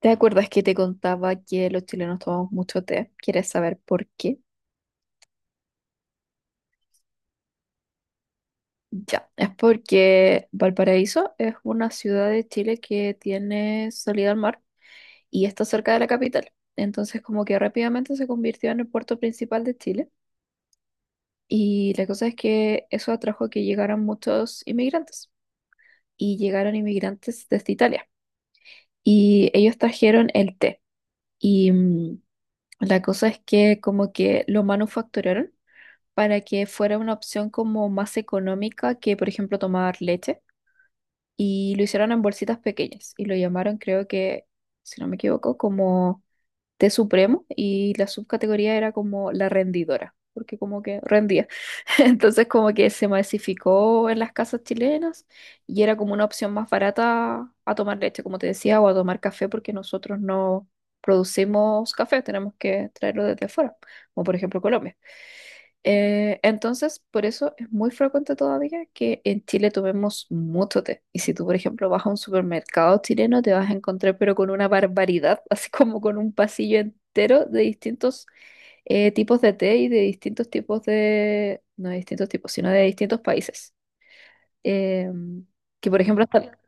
¿Te acuerdas que te contaba que los chilenos tomamos mucho té? ¿Quieres saber por qué? Ya, es porque Valparaíso es una ciudad de Chile que tiene salida al mar y está cerca de la capital. Entonces, como que rápidamente se convirtió en el puerto principal de Chile. Y la cosa es que eso atrajo que llegaran muchos inmigrantes y llegaron inmigrantes desde Italia. Y ellos trajeron el té. Y la cosa es que como que lo manufacturaron para que fuera una opción como más económica que, por ejemplo, tomar leche. Y lo hicieron en bolsitas pequeñas y lo llamaron, creo que, si no me equivoco, como té supremo y la subcategoría era como la rendidora, porque como que rendía. Entonces como que se masificó en las casas chilenas y era como una opción más barata a tomar leche, como te decía, o a tomar café, porque nosotros no producimos café, tenemos que traerlo desde afuera, como por ejemplo Colombia. Entonces, por eso es muy frecuente todavía que en Chile tomemos mucho té. Y si tú, por ejemplo, vas a un supermercado chileno, te vas a encontrar, pero con una barbaridad, así como con un pasillo entero de distintos tipos de té y de distintos tipos de, no de distintos tipos, sino de distintos países. Eh, que, por ejemplo,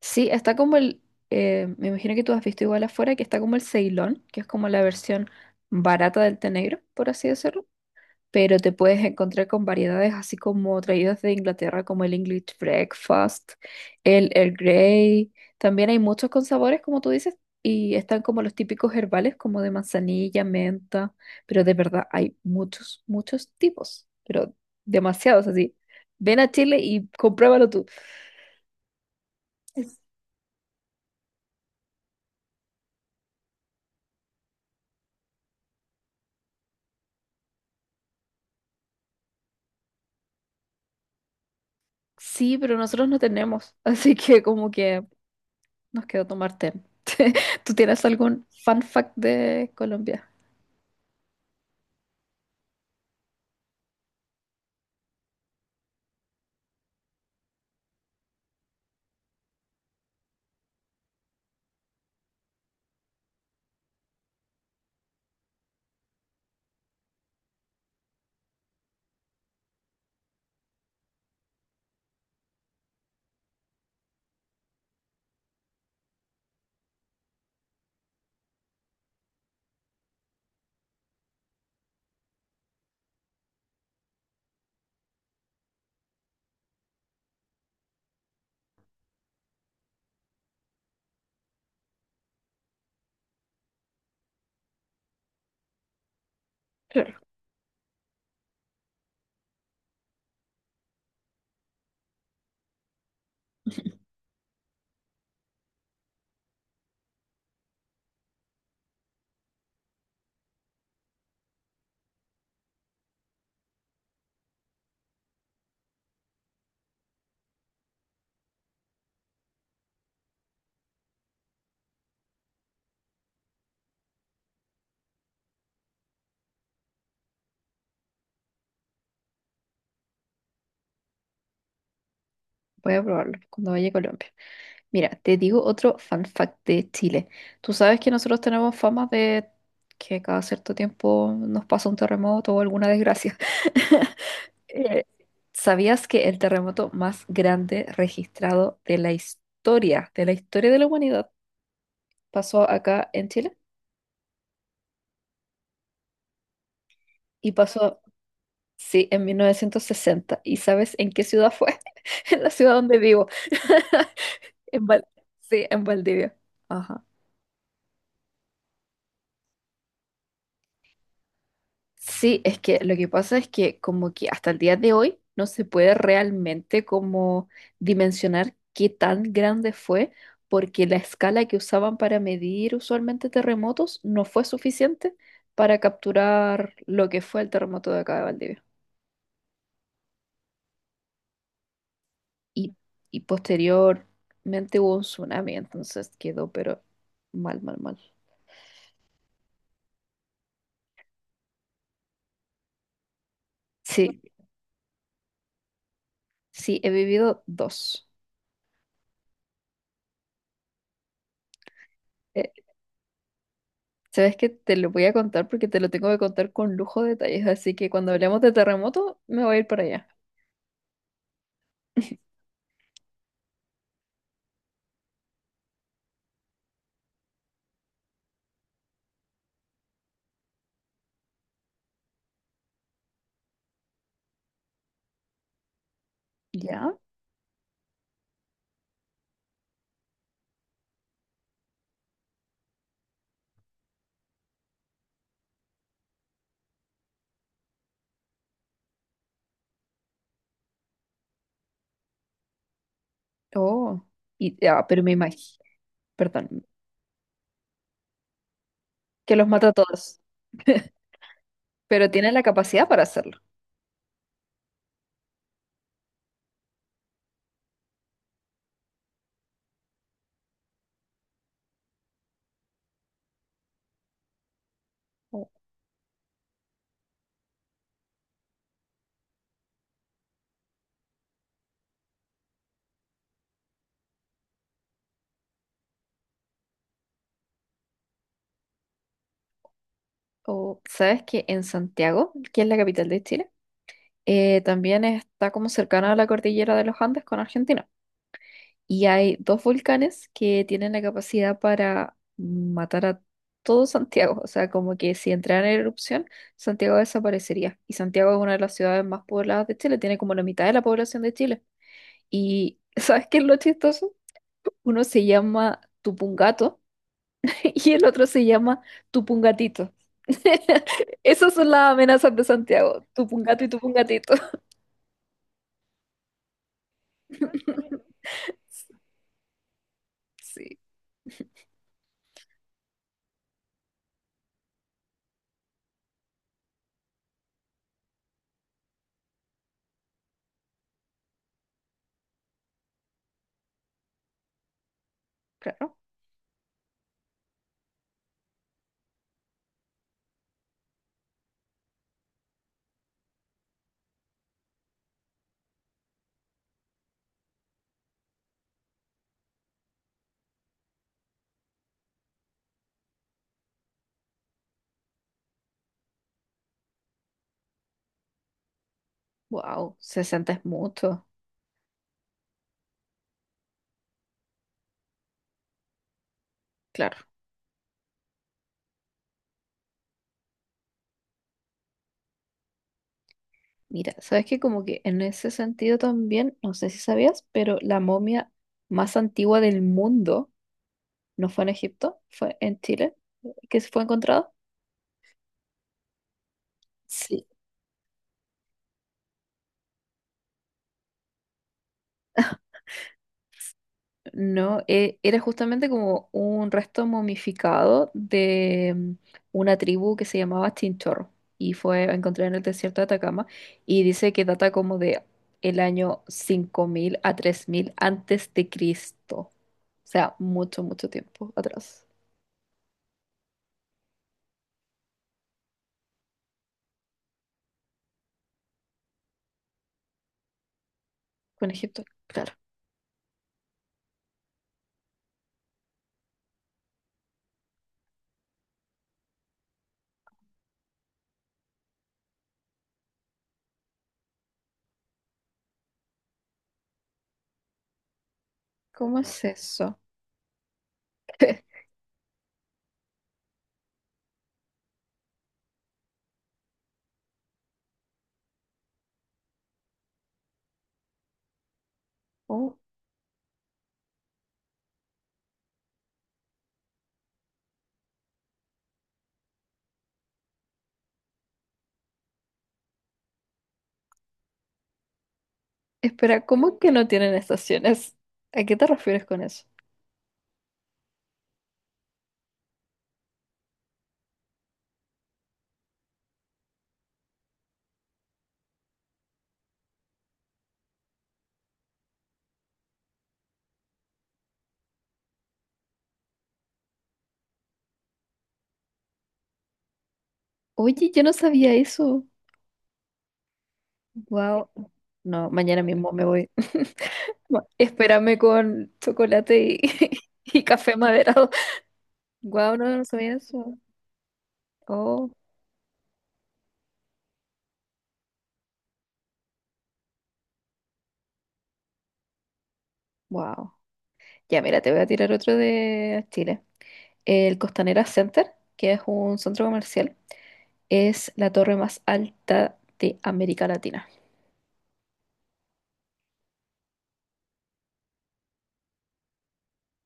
sí, está como el, me imagino que tú has visto igual afuera, que está como el Ceilón, que es como la versión barata del té negro, por así decirlo. Pero te puedes encontrar con variedades así como traídas de Inglaterra, como el English Breakfast, el Earl Grey. También hay muchos con sabores, como tú dices, y están como los típicos herbales, como de manzanilla, menta, pero de verdad hay muchos, muchos tipos, pero demasiados así. Ven a Chile y compruébalo tú. Sí, pero nosotros no tenemos, así que como que nos quedó tomar té. ¿Tú tienes algún fun fact de Colombia? Claro, voy a probarlo cuando vaya a Colombia. Mira, te digo otro fun fact de Chile. Tú sabes que nosotros tenemos fama de que cada cierto tiempo nos pasa un terremoto o alguna desgracia. Eh, ¿Sabías que el terremoto más grande registrado de la historia, de la historia de la humanidad, pasó acá en Chile? Y pasó, sí, en 1960. ¿Y sabes en qué ciudad fue? En la ciudad donde vivo. En Val- sí, en Valdivia. Ajá. Sí, es que lo que pasa es que como que hasta el día de hoy no se puede realmente como dimensionar qué tan grande fue, porque la escala que usaban para medir usualmente terremotos no fue suficiente para capturar lo que fue el terremoto de acá de Valdivia. Y, y posteriormente hubo un tsunami, entonces quedó pero mal, mal, mal. Sí, sí, he vivido dos. Eh, Sabes que te lo voy a contar porque te lo tengo que contar con lujo de detalles, así que cuando hablemos de terremoto me voy a ir para allá. ¿Ya? Oh, y, pero me imagino, perdón, que los mata a todos, pero tienen la capacidad para hacerlo. O ¿Sabes que en Santiago, que es la capital de Chile, también está como cercana a la cordillera de los Andes con Argentina? Y hay dos volcanes que tienen la capacidad para matar a todo Santiago. O sea, como que si entraran en erupción, Santiago desaparecería. Y Santiago es una de las ciudades más pobladas de Chile, tiene como la mitad de la población de Chile. Y ¿sabes qué es lo chistoso? Uno se llama Tupungato y el otro se llama Tupungatito. Esas son las amenazas de Santiago, Tupungato y Tupungatito. Sí, claro. Wow, 60 es mucho, claro. Mira, sabes que como que en ese sentido también, no sé si sabías, pero la momia más antigua del mundo no fue en Egipto, fue en Chile, que se fue encontrada. Sí. No, era justamente como un resto momificado de una tribu que se llamaba Chinchorro y fue encontrada en el desierto de Atacama y dice que data como de el año 5000 a 3000 antes de Cristo. O sea, mucho, mucho tiempo atrás. Con Egipto, claro. ¿Cómo es eso? Oh, espera, ¿cómo que no tienen estaciones? ¿A qué te refieres con eso? Oye, yo no sabía eso. Wow. No, mañana mismo me voy. Bueno, espérame con chocolate y, y café maderado. Wow, no, no sabía eso. Oh, wow. Ya, mira, te voy a tirar otro de Chile. El Costanera Center, que es un centro comercial, es la torre más alta de América Latina.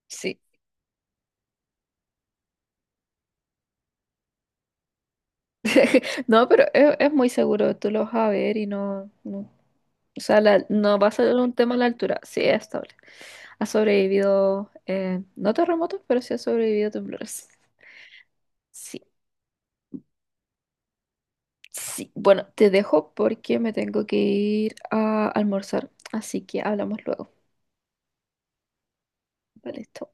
Sí. No, pero es muy seguro, tú lo vas a ver y no, o sea, no va a ser un tema a la altura, sí es estable. Ha sobrevivido, no terremotos, pero sí ha sobrevivido temblores. Sí, sí. Bueno, te dejo porque me tengo que ir a almorzar, así que hablamos luego. Vale, chao.